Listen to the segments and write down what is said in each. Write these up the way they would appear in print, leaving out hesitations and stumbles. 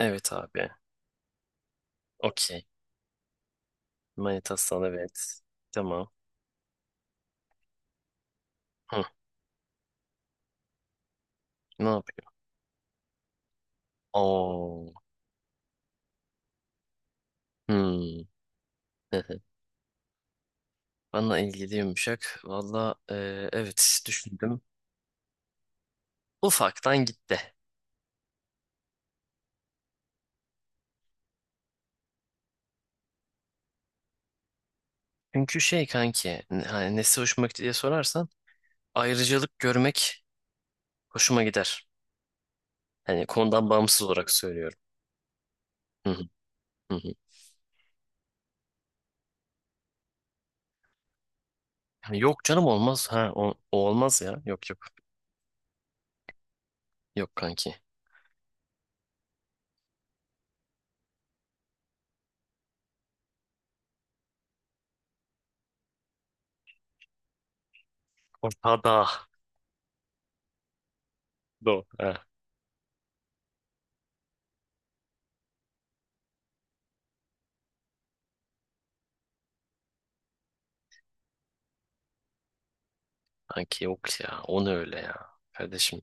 Evet abi. Okey. Manitasal, evet. Tamam. Hı, ne yapıyor? Oo. Hmm. Bana ilgili yumuşak. Valla evet, düşündüm. Ufaktan gitti. Çünkü şey kanki hani nesi hoşuma gitti diye sorarsan, ayrıcalık görmek hoşuma gider. Hani konudan bağımsız olarak söylüyorum. Hı hı, hı hı. Yani yok canım, olmaz. Ha, o olmaz ya. Yok yok. Yok kanki. Ortada. Do. Ha. Kanki yok ya. O ne öyle ya. Kardeşim.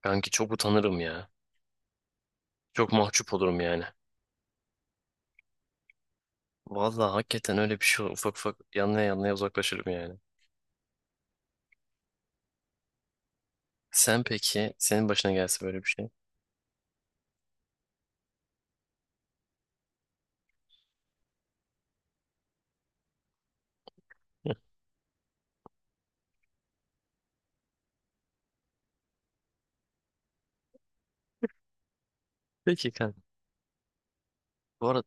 Kanki çok utanırım ya. Çok mahcup olurum yani. Vallahi hakikaten öyle bir şey olur. Ufak ufak yanlaya yanlaya uzaklaşırım yani. Sen peki, senin başına gelse böyle bir şey. Peki kanka. Bu arada,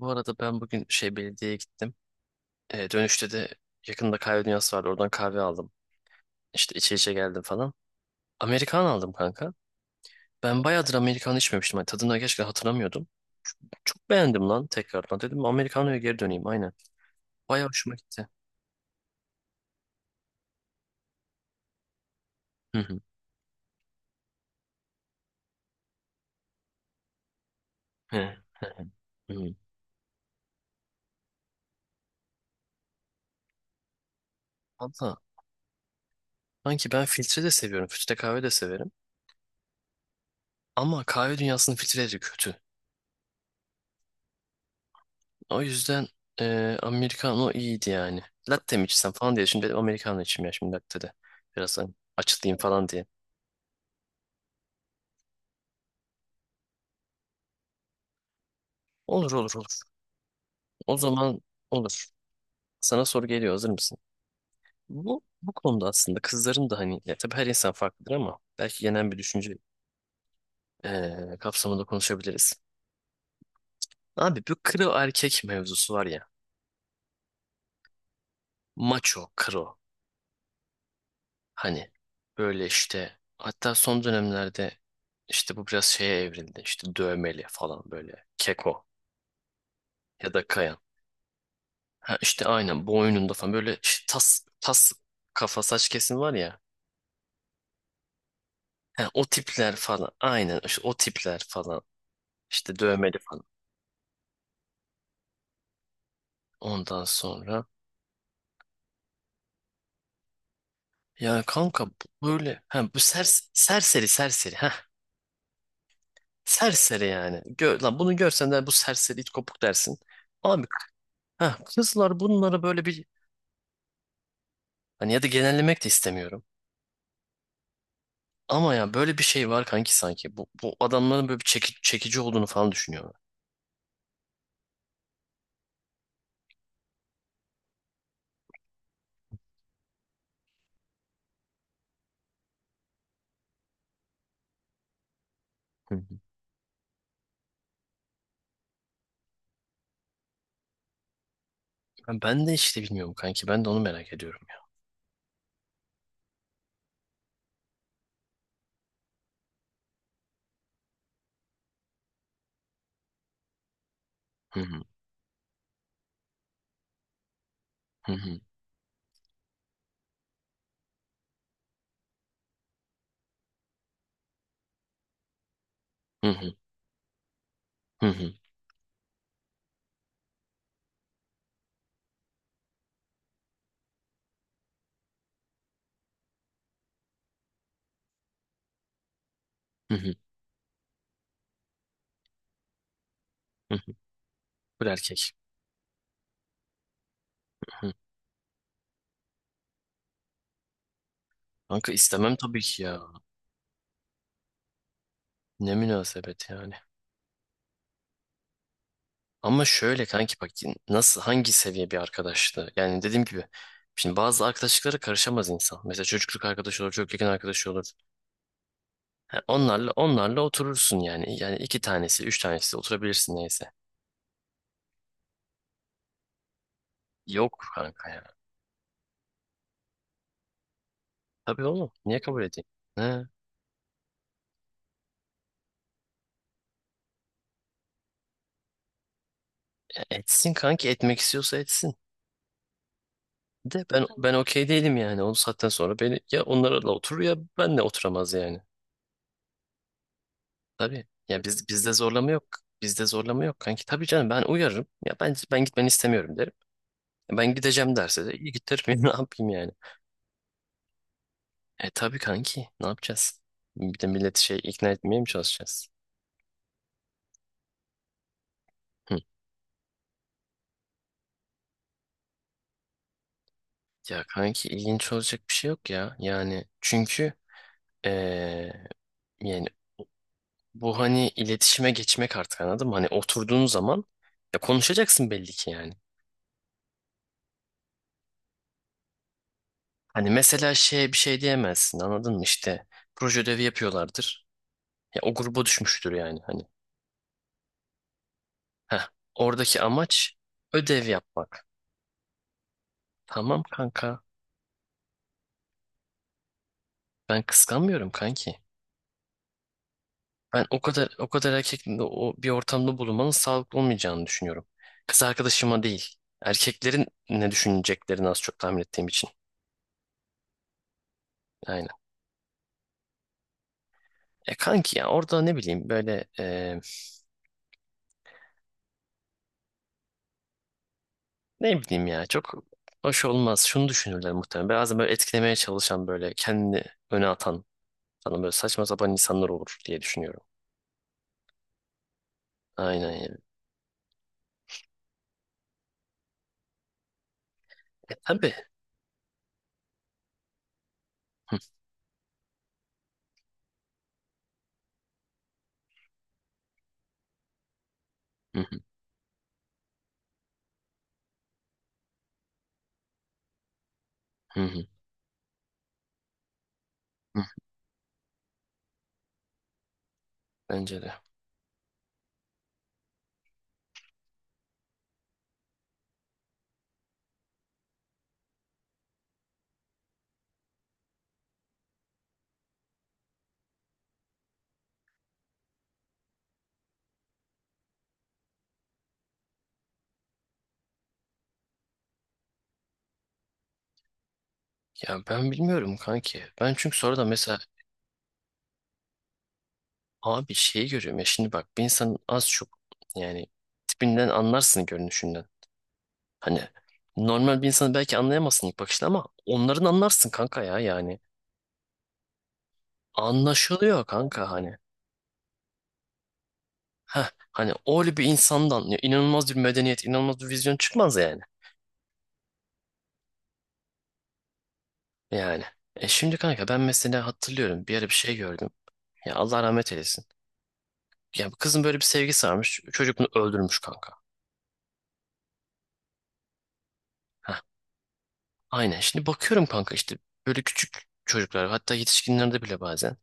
bu arada ben bugün şey belediyeye gittim. Dönüşte de yakında kahve dünyası vardı. Oradan kahve aldım. İşte içe içe geldim falan. Amerikan aldım kanka. Ben bayağıdır Amerikan içmemiştim. Hani tadını gerçekten hatırlamıyordum. Çok beğendim lan tekrardan. Dedim Amerikano'ya geri döneyim, aynen. Bayağı hoşuma gitti. Hı hı. Hı hı. Hı. Valla, sanki ben filtre de seviyorum. Filtre kahve de severim. Ama kahve dünyasının filtreleri kötü. O yüzden Americano iyiydi yani. Latte mi içsem falan diye. Şimdi dedim Americano içeyim, ya şimdi latte de. Biraz hani açılayım falan diye. Olur olur olur. O zaman olur. Sana soru geliyor. Hazır mısın? Bu konuda aslında kızların da hani ya tabii her insan farklıdır ama belki genel bir düşünce kapsamında konuşabiliriz. Abi bu kro erkek mevzusu var ya. Macho kro. Hani böyle işte hatta son dönemlerde işte bu biraz şeye evrildi. İşte dövmeli falan böyle keko, ya da kayan. Ha işte aynen boynunda falan böyle işte tas tas kafa saç kesim var ya. Ha, o tipler falan aynen işte o tipler falan işte dövmeli falan. Ondan sonra yani kanka böyle ha bu serseri ha serseri yani. Gör, lan bunu görsen de bu serseri it kopuk dersin. Abi ha, kızlar bunlara böyle bir, hani ya da genellemek de istemiyorum. Ama ya böyle bir şey var kanki sanki. Bu adamların böyle bir çekici olduğunu falan düşünüyorlar. Hı hı. Ha, ben de işte bilmiyorum kanki. Ben de onu merak ediyorum ya. Hı hı, hı hı, hı hı, hı hı, hı hı, hı hı. Bu erkek. Hı. Kanka istemem tabii ki ya. Ne münasebet yani. Ama şöyle kanki bak, nasıl hangi seviye bir arkadaştı? Yani dediğim gibi, şimdi bazı arkadaşlıklara karışamaz insan. Mesela çocukluk arkadaşı olur, çok yakın arkadaşı olur. Ha, onlarla oturursun yani. Yani iki tanesi, üç tanesi oturabilirsin, neyse. Yok kanka ya. Tabii oğlum. Niye kabul edeyim? Ha, ya etsin kanki, etmek istiyorsa etsin. De ben okey değilim yani. O saatten sonra beni ya onlarla oturur ya benle oturamaz yani. Tabii. Ya biz, bizde zorlama yok. Bizde zorlama yok kanki. Tabii canım, ben uyarırım. Ya ben gitmeni istemiyorum derim. Ben gideceğim derse de iyi git derim. Ne yapayım yani? E tabii kanki. Ne yapacağız? Bir de milleti şey ikna etmeye mi çalışacağız? Ya kanki ilginç olacak bir şey yok ya. Yani çünkü eee, yani bu hani iletişime geçmek, artık anladın mı? Hani oturduğun zaman ya konuşacaksın belli ki yani. Hani mesela şeye bir şey diyemezsin, anladın mı? İşte proje ödevi yapıyorlardır. Ya o gruba düşmüştür yani hani. Heh, oradaki amaç ödev yapmak. Tamam kanka. Ben kıskanmıyorum kanki. Ben o kadar erkekle o bir ortamda bulunmanın sağlıklı olmayacağını düşünüyorum. Kız arkadaşıma değil. Erkeklerin ne düşüneceklerini az çok tahmin ettiğim için. Aynen. E kanki ya orada ne bileyim böyle ne bileyim ya, çok hoş olmaz. Şunu düşünürler muhtemelen. Bazen böyle etkilemeye çalışan, böyle kendini öne atan falan, böyle saçma sapan insanlar olur diye düşünüyorum. Aynen yani. E tabii. Hı hı, hı hı. Hı. Bence de. Ya ben bilmiyorum kanki. Ben çünkü sonra da mesela, abi şeyi görüyorum ya. Şimdi bak, bir insanın az çok, yani tipinden anlarsın, görünüşünden. Hani normal bir insanı belki anlayamazsın ilk bakışta, ama onların anlarsın kanka ya yani. Anlaşılıyor kanka hani. Heh, hani öyle bir insandan ya inanılmaz bir medeniyet, inanılmaz bir vizyon çıkmaz yani. Yani. E şimdi kanka, ben mesela hatırlıyorum bir ara bir şey gördüm. Ya, Allah rahmet eylesin. Ya bu kızın böyle bir sevgisi varmış. Çocuk bunu öldürmüş kanka. Aynen. Şimdi bakıyorum kanka, işte böyle küçük çocuklar hatta yetişkinlerde bile bazen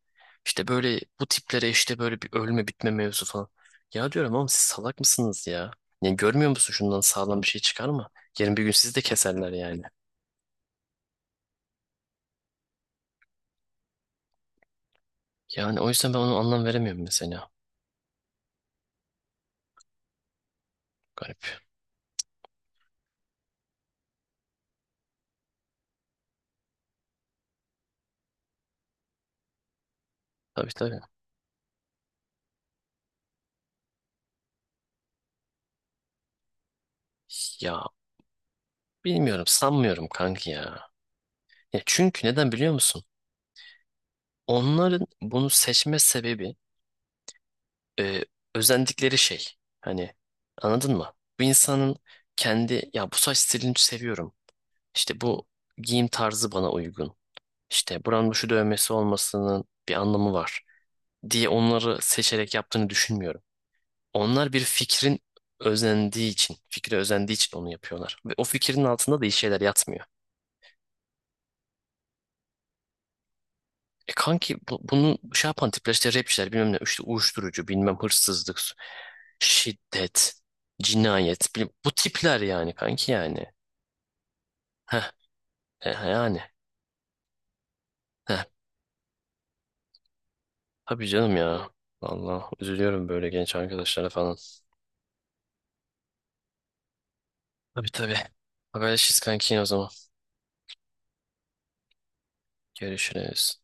işte böyle bu tiplere işte böyle bir ölme bitme mevzu falan. Ya diyorum ama siz salak mısınız ya? Yani görmüyor musun şundan sağlam bir şey çıkar mı? Yarın bir gün sizi de keserler yani. Yani o yüzden ben onu anlam veremiyorum mesela. Garip. Tabii tabii. Ya bilmiyorum, sanmıyorum kanki ya. Ya çünkü neden biliyor musun? Onların bunu seçme sebebi, e, özendikleri şey. Hani anladın mı? Bu insanın kendi, ya bu saç stilini seviyorum. İşte bu giyim tarzı bana uygun. İşte buranın şu dövmesi olmasının bir anlamı var diye onları seçerek yaptığını düşünmüyorum. Onlar bir fikrin özendiği için, fikre özendiği için onu yapıyorlar. Ve o fikrin altında da iyi şeyler yatmıyor. E kanki bunu şey yapan tipler, işte rapçiler bilmem ne, işte uyuşturucu, bilmem hırsızlık, şiddet, cinayet, bu tipler yani kanki yani. Heh, yani. Heh, tabii canım ya. Vallahi üzülüyorum böyle genç arkadaşlara falan. Tabii tabii. Haberleşiriz kanki o zaman. Görüşürüz.